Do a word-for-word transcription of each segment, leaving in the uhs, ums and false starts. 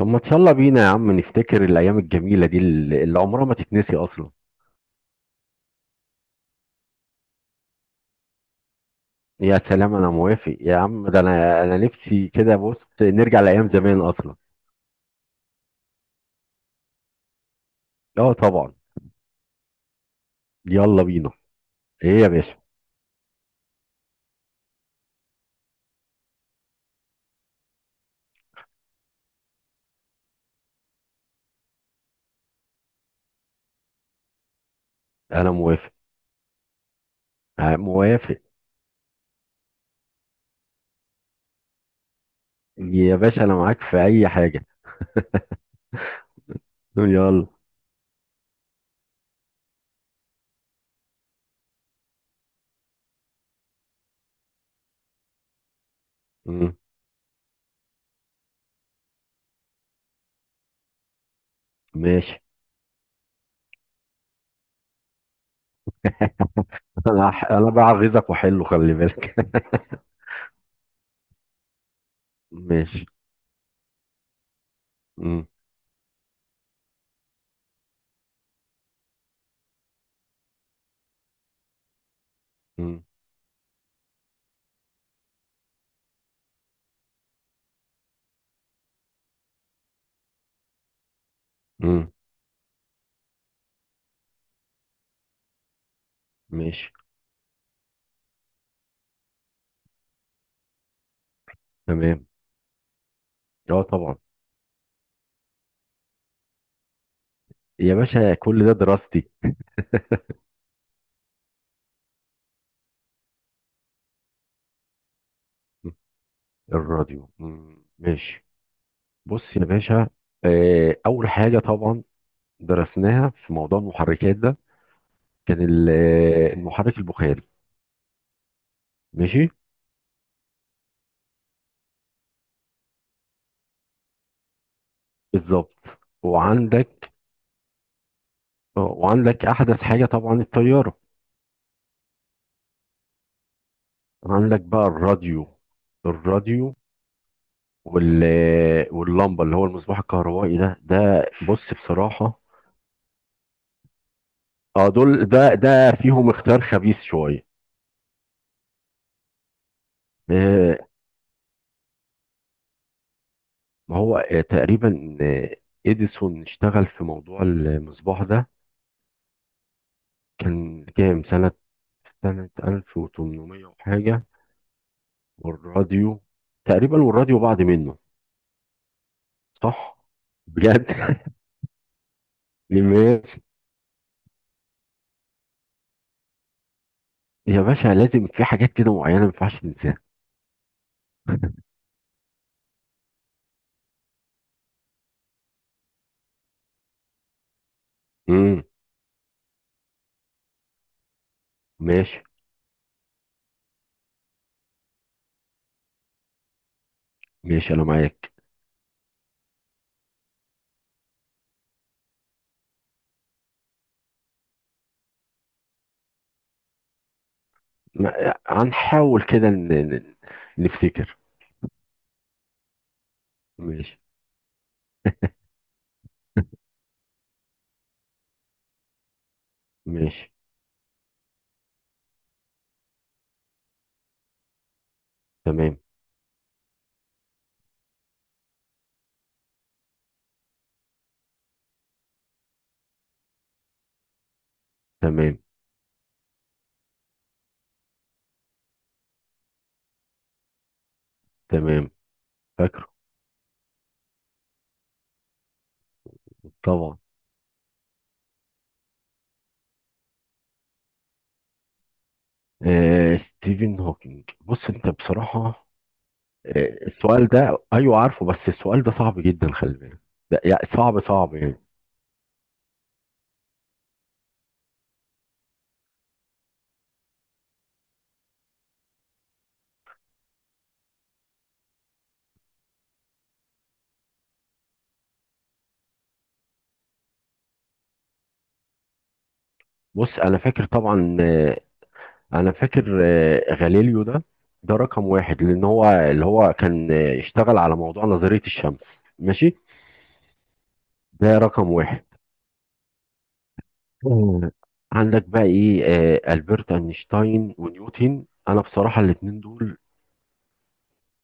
طب ما تشالله بينا يا عم نفتكر الأيام الجميلة دي اللي اللي عمرها ما تتنسي أصلا. يا سلام، أنا موافق يا عم، ده أنا أنا نفسي كده، بص نرجع لأيام زمان أصلا. أه طبعا. يلا بينا. إيه يا باشا؟ أنا موافق. آه، موافق. يا باشا أنا معاك في أي حاجة. يلا. مم. ماشي. أنا هح- أنا بعغيظك وأحله، خلي بالك. ماشي. مم. مم. مم. ماشي. تمام. أه طبعا. يا باشا كل ده دراستي. الراديو. مم. ماشي. بص يا باشا، آه، اول حاجه طبعا درسناها في موضوع المحركات ده كان ال- آه، المحرك البخاري. ماشي. بالظبط. وعندك، آه، وعندك احدث حاجه طبعا الطياره. عندك بقى الراديو. الراديو. وال آه، واللمبه اللي هو المصباح الكهربائي ده، ده بص بصراحه. اه دول ده ده فيهم اختيار خبيث شويه. آه، ما هو آه، تقريبا، آه، اديسون اشتغل في موضوع المصباح ده كان كام سنة، سنة ألف وتمنمية وحاجة. والراديو تقريبا، والراديو بعض منه. صح؟ بجد. ماشي. يا باشا لازم في حاجات كده معينة ما ينفعش ننساها. امم. ماشي. ماشي أنا معاك. ما- هنحاول كده ن- ن- نفتكر. ماشي. ماشي. تمام. تمام. تمام. فاكره طبعا. آه ستيفن هوكينج، بص انت بصراحة، آه السؤال ده، ايوه عارفه، بس السؤال ده صعب جدا خلي بالك. ده- يعني صعب صعب يعني. بص انا فاكر طبعا، آه، انا فاكر، آه، غاليليو ده، ده رقم واحد لان هو اللي هو كان آه، اشتغل على موضوع نظرية الشمس. ماشي. ده رقم واحد. آه، عندك بقى ايه، آه، البرت اينشتاين ونيوتن. انا بصراحة الاتنين دول،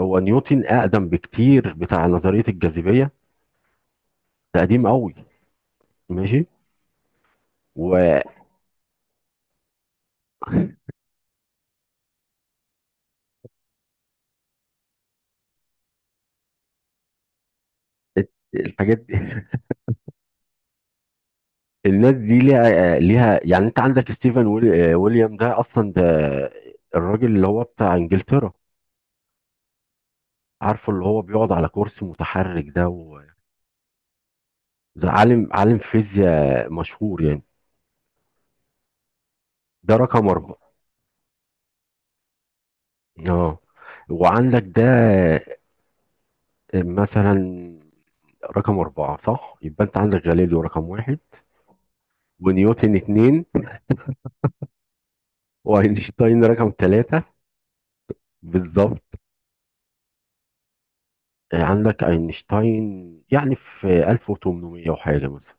هو نيوتن اقدم بكتير، بتاع نظرية الجاذبية. ده قديم قوي. ماشي. والحاجات. دي الناس دي ليها ليها يعني. انت عندك ستيفن ويل- آه، ويليام ده، اصلا ده الراجل اللي هو بتاع انجلترا. عارفه اللي هو بيقعد على كرسي متحرك ده و-. ده عالم، عالم فيزياء مشهور يعني. ده رقم اربعة. اه وعندك ده مثلا رقم اربعة. صح؟ يبقى انت عندك غاليليو رقم واحد، ونيوتن اتنين، واينشتاين رقم ثلاثة. بالظبط. آه، عندك اينشتاين يعني في ألف وتمنمية وحاجة مثلا.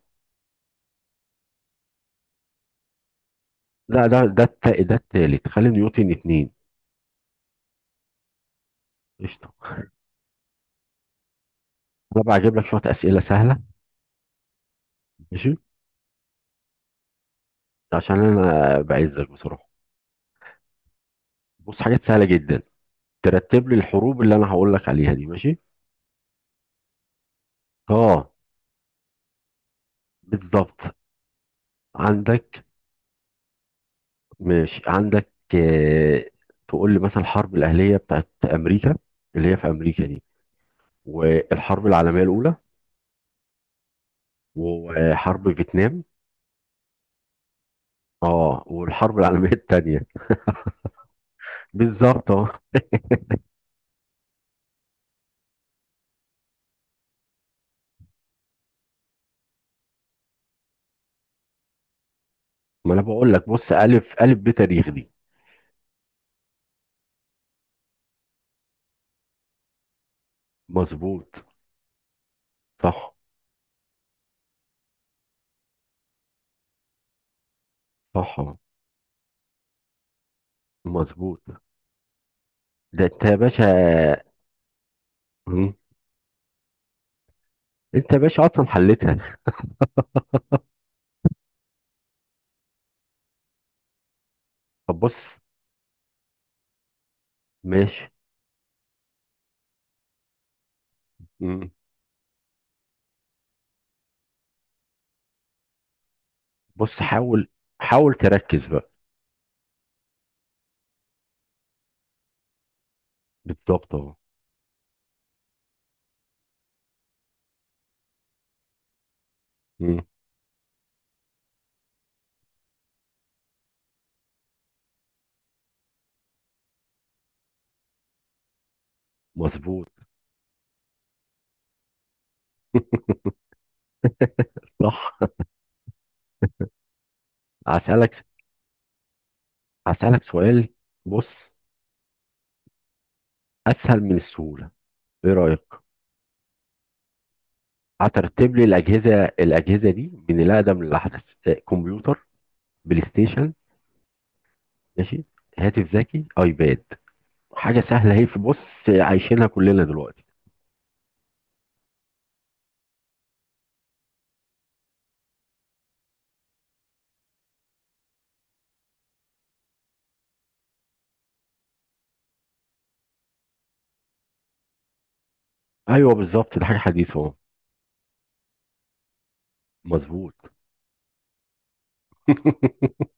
لا ده ده الت- ده التالت، خلي نيوتن اتنين. قشطة. أنا بقى هجيب لك شوية أسئلة سهلة. ماشي. عشان أنا بعزك بصراحة. بص، حاجات سهلة جدا. ترتب لي الحروب اللي أنا هقول لك عليها دي. ماشي. أه. بالظبط. عندك، ماشي، عندك آه، تقول لي مثلا الحرب الأهلية بتاعت أمريكا، اللي هي في أمريكا دي، والحرب العالمية الأولى، وحرب فيتنام، أه والحرب العالمية التانية. بالظبط أه. ما أنا بقول لك بص، ألف ألف بتاريخ دي. مظبوط. صح. صح. مظبوط. ده انت يا باشا. مم. انت يا باشا اصلا حلتها. طب بص. ماشي. مم. بص حاول، حاول تركز بقى. بالظبط اهو. مم. مظبوط. صح. هسألك، هسألك سؤال. بص، اسهل من السهولة. ايه رأيك؟ هترتب لي الاجهزة الاجهزة دي من الاقدم للاحدث. اه، كمبيوتر، بلاي ستيشن. ماشي. هاتف ذكي، ايباد. حاجة سهلة اهي، في بص عايشينها كلنا دلوقتي. ايوه بالظبط، ده حاجه حديثه اهو. مظبوط.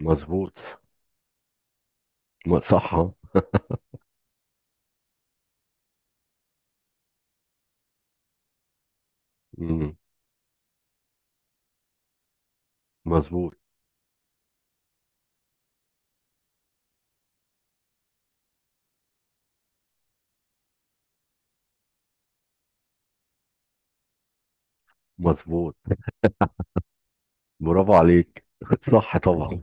مظبوط. م- صح أهو. مم. مظبوط. مظبوط. برافو عليك. صح طبعا.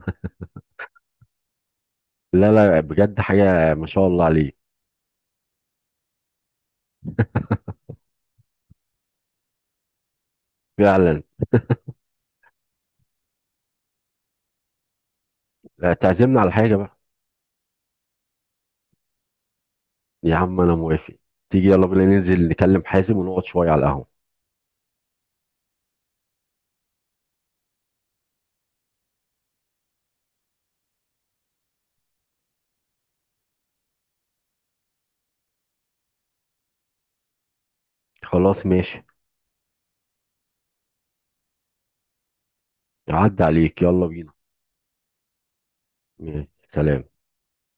لا لا، بجد حاجه ما شاء الله عليك. فعلا. لا، تعزمنا على حاجه بقى. يا عم انا موافق. تيجي يلا بينا ننزل نكلم حازم ونقعد شويه على القهوه. خلاص ماشي. عدى عليك، يلا بينا. ماشي. سلام.